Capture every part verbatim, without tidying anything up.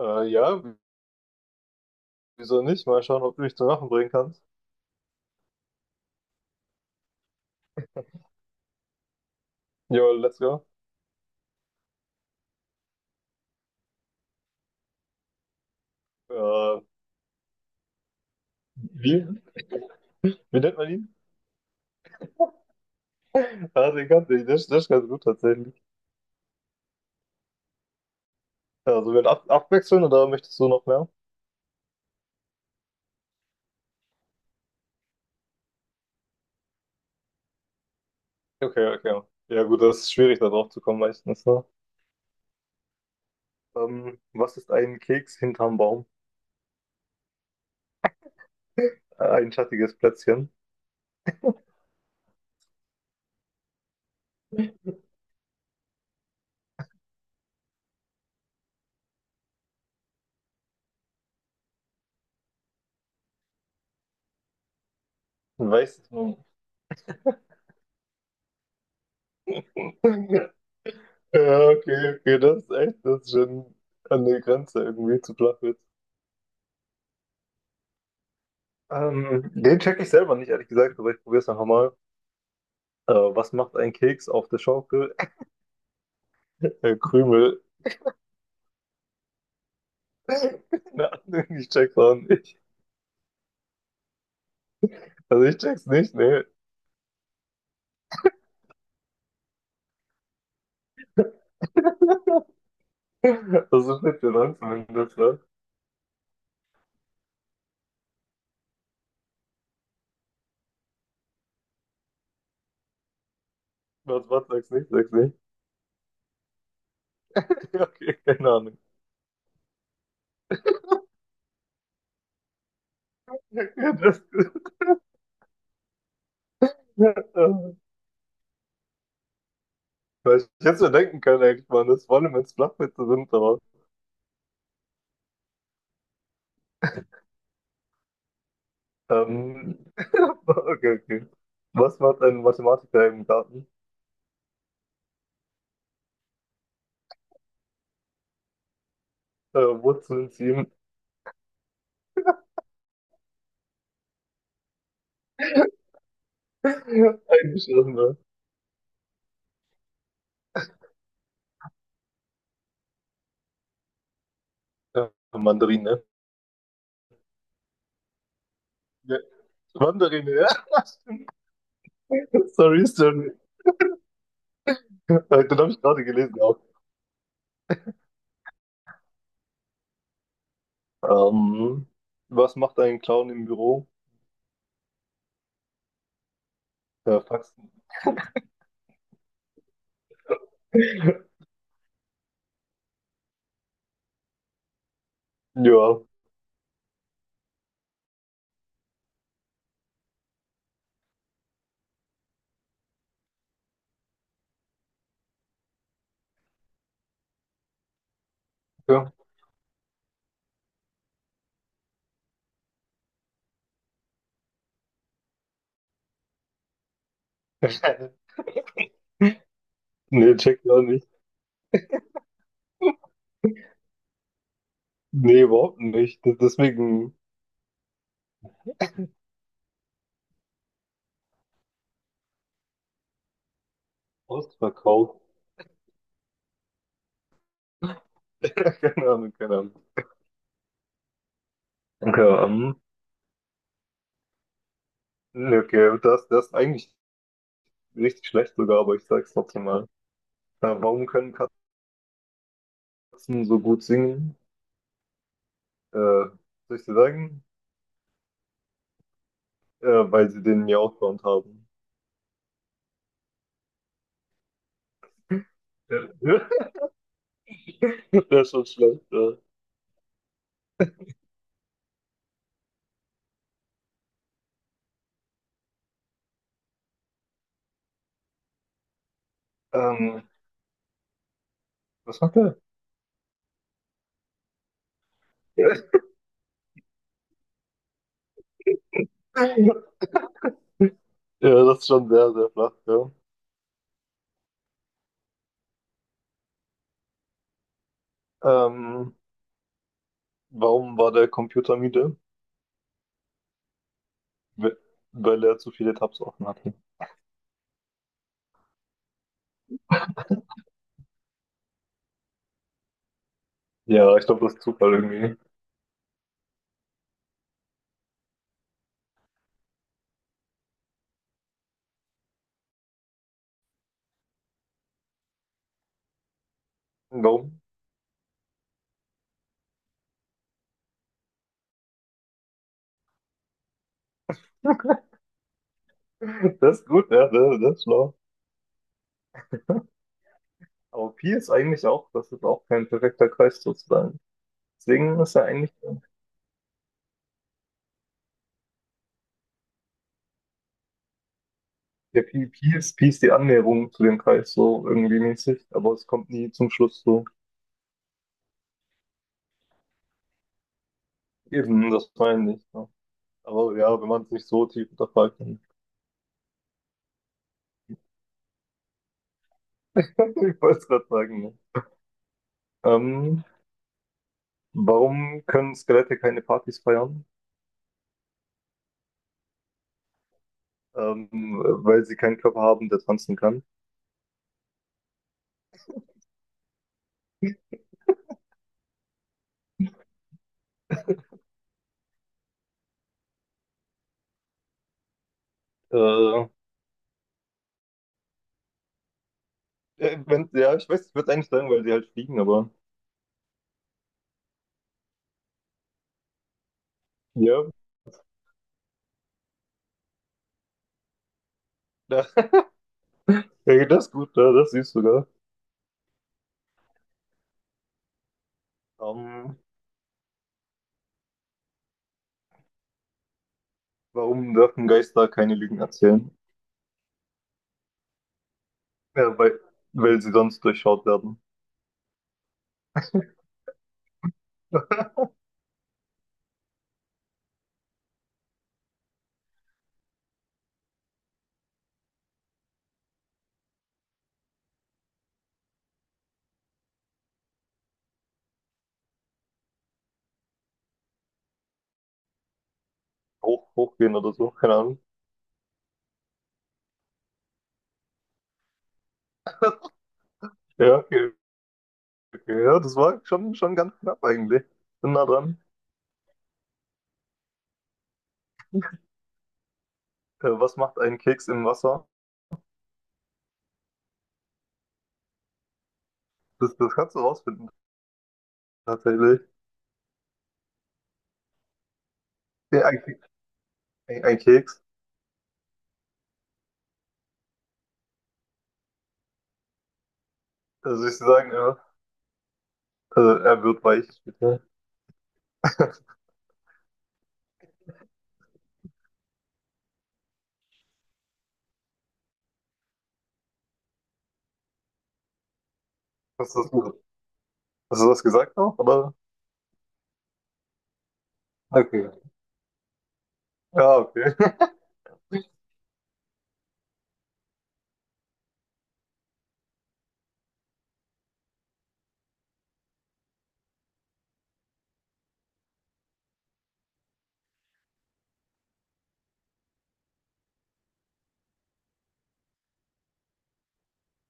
Äh, ja, wieso nicht? Mal schauen, ob du mich zum Lachen bringen kannst. Jo, let's go. Äh, wie, wie nennt man ihn? Ah, den kannte ich. Der ist der ist ganz gut tatsächlich. Also wir ab abwechseln oder möchtest du noch mehr? Okay, okay. Ja, gut, das ist schwierig, da drauf zu kommen meistens, ne? Ähm, was ist ein Keks hinterm Baum? Äh, ein schattiges Plätzchen. Ein weißes Baum. Ja, okay, okay, das ist echt, das ist schon an der Grenze irgendwie zu flach wird. Ähm, den check ich selber nicht, ehrlich gesagt, aber ich probiere es einfach mal. Äh, was macht ein Keks auf der Schaukel? Äh, Krümel. Keine Ahnung, ich check's auch nicht. Also ich check's nicht, ne. Das ist nicht der Langsam, wenn du das sagst. Was, was, sag's nicht, sag's nicht. Okay, keine Ahnung. Ja, das, weil ich hätte mir denken können, eigentlich, man, das vor allem, wenn es Flachwitze sind, aber. Ähm, okay, okay. Was macht ein Mathematiker im Garten? Äh, Wurzeln ziehen. Eingeschlossen, ne? Äh, Mandarine. Ja, Mandarine, ja. Sorry, sorry. Äh, Den habe ich gerade gelesen auch. Ähm, Was macht ein Clown im Büro? Ja, Faxen. Ja. Ja. Nee, check ja nicht. Nee, überhaupt nicht. Das- Deswegen ausverkauft. Keine Ahnung, keine Ahnung. Okay, ähm, nee, okay, das, das ist eigentlich richtig schlecht sogar, aber ich sag's trotzdem mal. Äh, warum können Katzen so gut singen? Äh, Soll ich dir sagen? Äh, Weil sie den Miau-Sound haben. Ja. Das ist schon schlecht. Ja. Ähm, Das macht er. Ja, das ist schon sehr, sehr flach, ja. Ähm, Warum war der Computer müde? We- Weil er zu viele Tabs offen hatte. Ja, ich glaube, das ist Zufall irgendwie. Warum? Das ist gut, ja, das, das ist schlau. Aber Pi ist eigentlich auch, das ist auch kein perfekter Kreis sozusagen. Deswegen ist er eigentlich, der Pi, Pi ist, Pi ist die Annäherung zu dem Kreis so irgendwie mäßig, aber es kommt nie zum Schluss so. Eben, das meine ich. Ja. Aber ja, wenn man es nicht so tief unterfragt, dann. Ich wollte es gerade sagen, ne? Ähm, Warum können Skelette keine Partys feiern? Ähm, Weil sie keinen Körper haben, der tanzen kann. Äh, äh, wenn, ja, ich weiß, ich würde eigentlich sagen, weil sie halt fliegen, aber ja, da, ja, das ist gut, ja, das siehst du sogar. Ähm, Warum dürfen Geister keine Lügen erzählen? Ja, weil, weil sie sonst durchschaut werden. Hoch, hochgehen oder so, keine Ahnung. Ja, okay, okay, ja, das war schon, schon ganz knapp eigentlich. Bin nah dran. Äh, was macht ein Keks im Wasser? Das, das kannst du rausfinden, tatsächlich. Ja, ein, Ke- ein, ein Keks, also ich dir sagen, ja. Also er wird weich später. Hast du das, hast du das gesagt auch, oder? Okay. Ja, okay.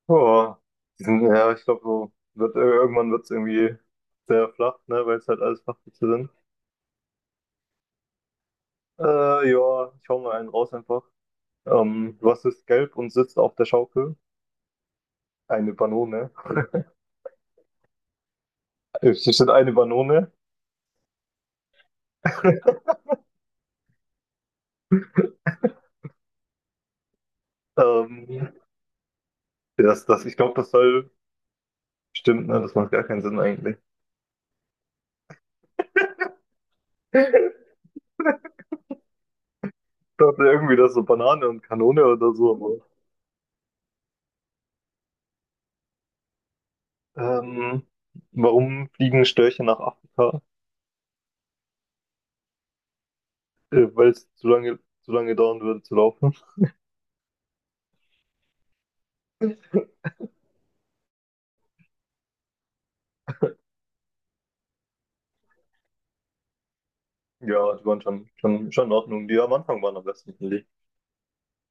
Oh, die sind, ja, ich glaube, so wird, irgendwann wird es irgendwie sehr flach, ne, weil es halt alles Flachwitze sind. Äh, ja, ich hau mal einen raus einfach. Ähm, was ist gelb und sitzt auf der Schaukel? Eine Banone. Äh, Hier steht eine Banone. Ähm, das, das, ich glaube, das soll stimmt, ne? Das macht gar keinen Sinn eigentlich. Dachte irgendwie, das ist so Banane und Kanone oder so. Aber, ähm, warum fliegen Störche nach Afrika? Äh, weil es zu lange, zu lange dauern würde zu laufen. Ja, die waren schon, schon, schon in Ordnung. Die am Anfang waren am besten.